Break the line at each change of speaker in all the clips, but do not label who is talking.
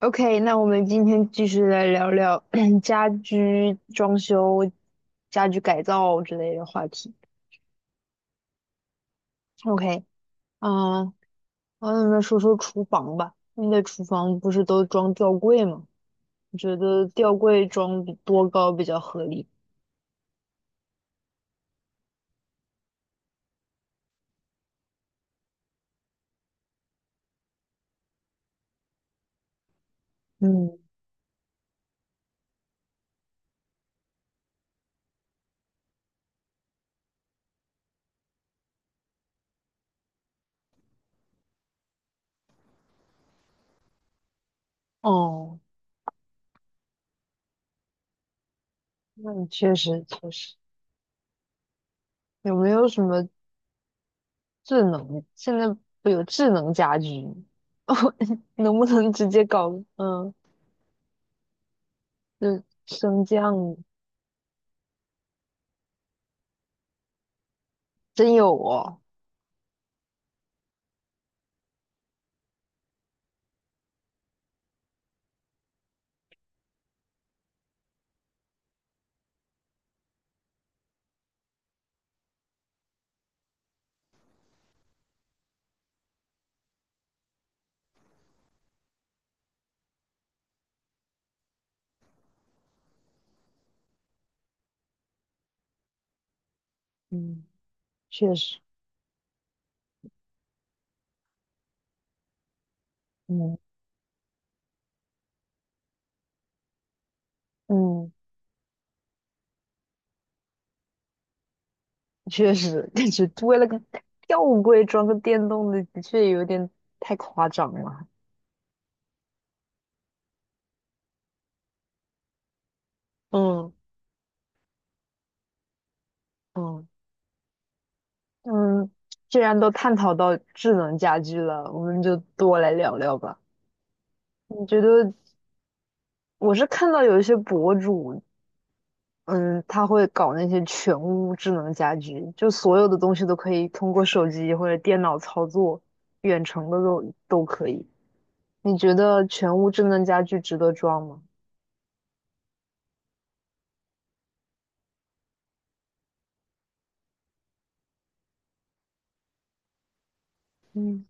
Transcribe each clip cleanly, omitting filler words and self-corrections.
OK，那我们今天继续来聊聊 家居装修、家居改造之类的话题。OK，嗯，我们说说厨房吧。你的厨房不是都装吊柜吗？你觉得吊柜装比多高比较合理？嗯，哦，那你确实，有没有什么智能？现在不有智能家居吗 哦，能不能直接搞嗯，就升降？真有哦。嗯确实，嗯嗯，确实，感觉为了个吊柜装个电动的，的确有点太夸张了。嗯嗯嗯，既然都探讨到智能家居了，我们就多来聊聊吧。你觉得我是看到有一些博主，嗯，他会搞那些全屋智能家居，就所有的东西都可以通过手机或者电脑操作，远程的都可以。你觉得全屋智能家居值得装吗？嗯。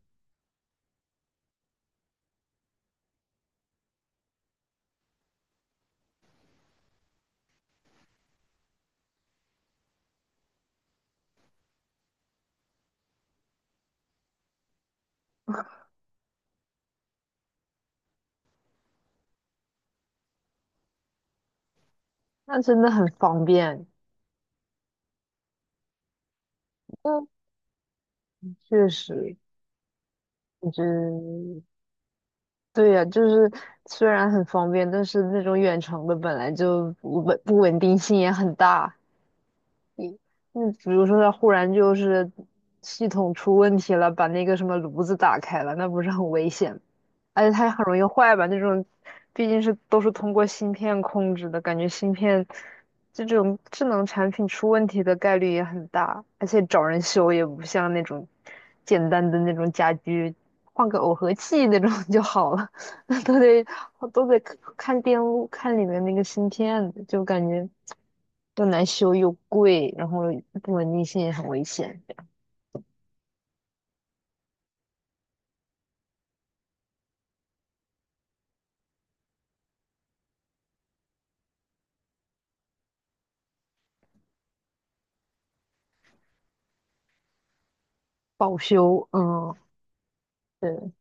那真的很方便。嗯，确实，我觉得对呀、就是虽然很方便，但是那种远程的本来就不稳定性也很大。你，那比如说它忽然就是系统出问题了，把那个什么炉子打开了，那不是很危险？而且它也很容易坏吧？那种毕竟是都是通过芯片控制的，感觉芯片这种智能产品出问题的概率也很大，而且找人修也不像那种简单的那种家居，换个耦合器那种 就好了，那都得看电路，看里面那个芯片，就感觉。又难修又贵，然后不稳定性也很危险，保修，嗯，对，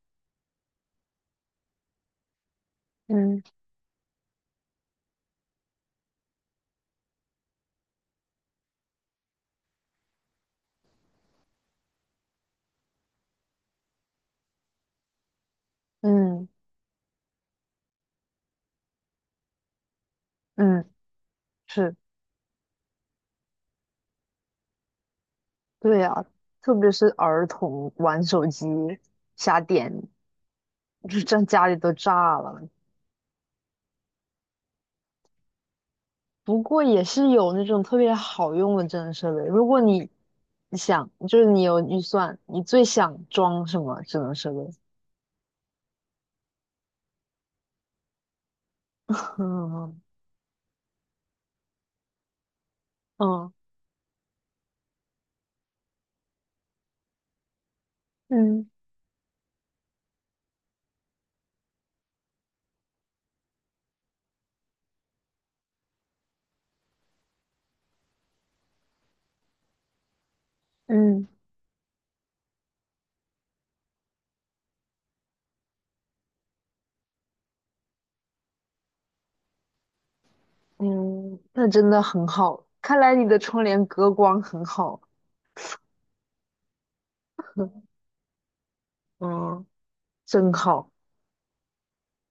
嗯嗯嗯，是，对啊，特别是儿童玩手机瞎点，就让家里都炸了。不过也是有那种特别好用的智能设备，如果你想，就是你有预算，你最想装什么智能设备？嗯嗯嗯嗯嗯，嗯那真的很好。看来你的窗帘隔光很好。嗯，真好。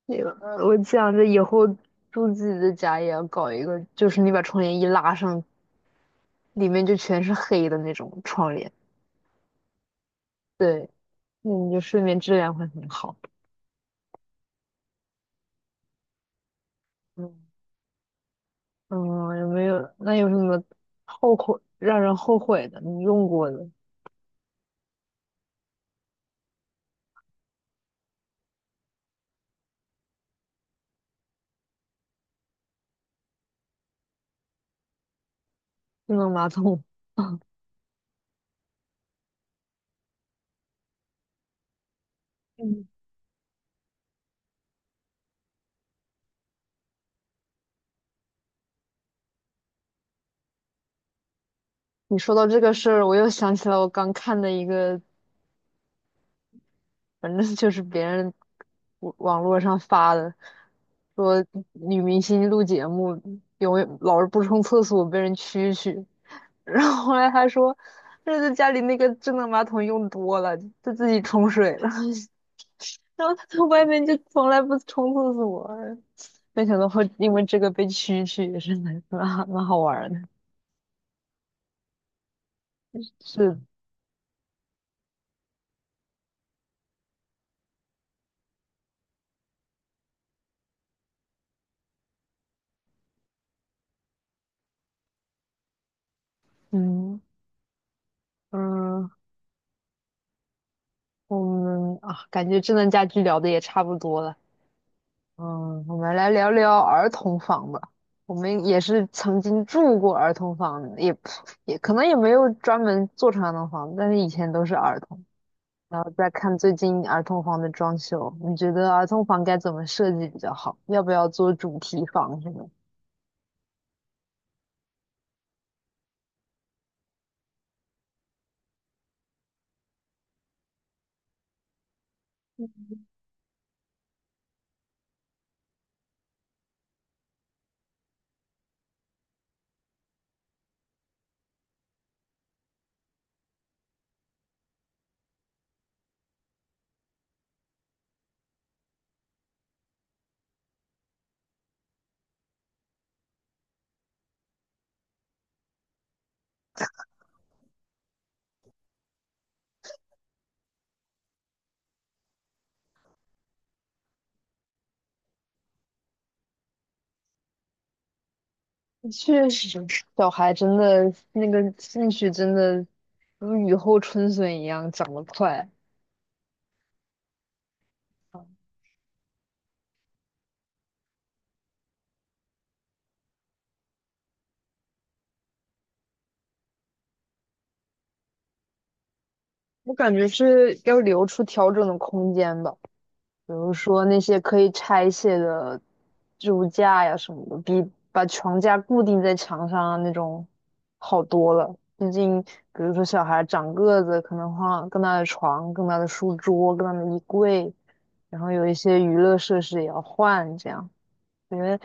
那个，我想着以后住自己的家也要搞一个，就是你把窗帘一拉上，里面就全是黑的那种窗帘。对，那你就睡眠质量会很好。嗯嗯，有没有？那有什么后悔让人后悔的？你用过的智能马桶？嗯，你说到这个事儿，我又想起来我刚看的一个反正 就是别人网络上发的，说女明星录节目永远老是不冲厕所被人蛐蛐，然后后来他说这是家里那个智能马桶用多了，就自己冲水了，然后他在外面就从来不冲厕所，没想到会因为这个被蛐蛐，也是蛮好玩儿的，是嗯嗯，我们啊，感觉智能家居聊的也差不多了。嗯，我们来聊聊儿童房吧。我们也是曾经住过儿童房的也可能也没有专门做成儿童房，但是以前都是儿童。然后再看最近儿童房的装修，你觉得儿童房该怎么设计比较好？要不要做主题房什么的确实，小孩真的那个兴趣真的如雨后春笋一样长得快。我感觉是要留出调整的空间吧。比如说那些可以拆卸的置物架呀什么的，比把床架固定在墙上啊那种好多了。毕竟，比如说小孩长个子，可能换更大的床、更大的书桌、更大的衣柜，然后有一些娱乐设施也要换，这样因为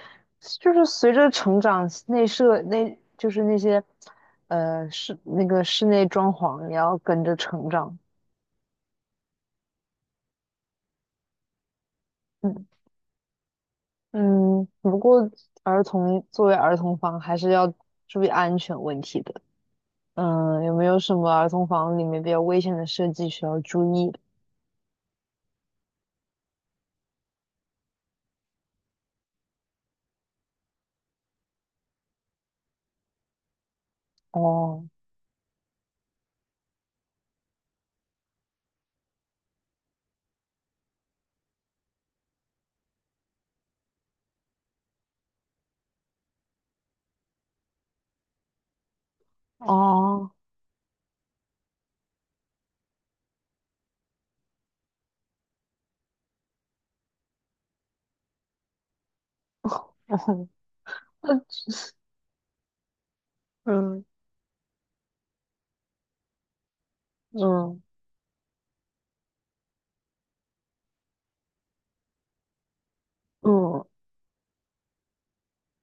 就是随着成长，内设内就是那些室那个室内装潢也要跟着成长。嗯。嗯，不过儿童房还是要注意安全问题的。嗯，有没有什么儿童房里面比较危险的设计需要注意的？哦哦，那嗯嗯嗯，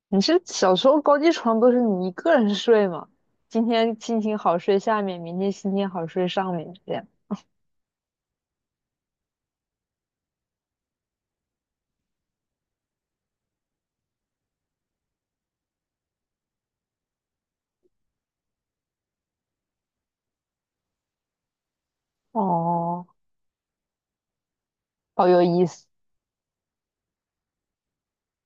你是小时候高低床都是你一个人睡吗？今天心情好睡下面，明天心情好睡上面，这样。哦，好有意思。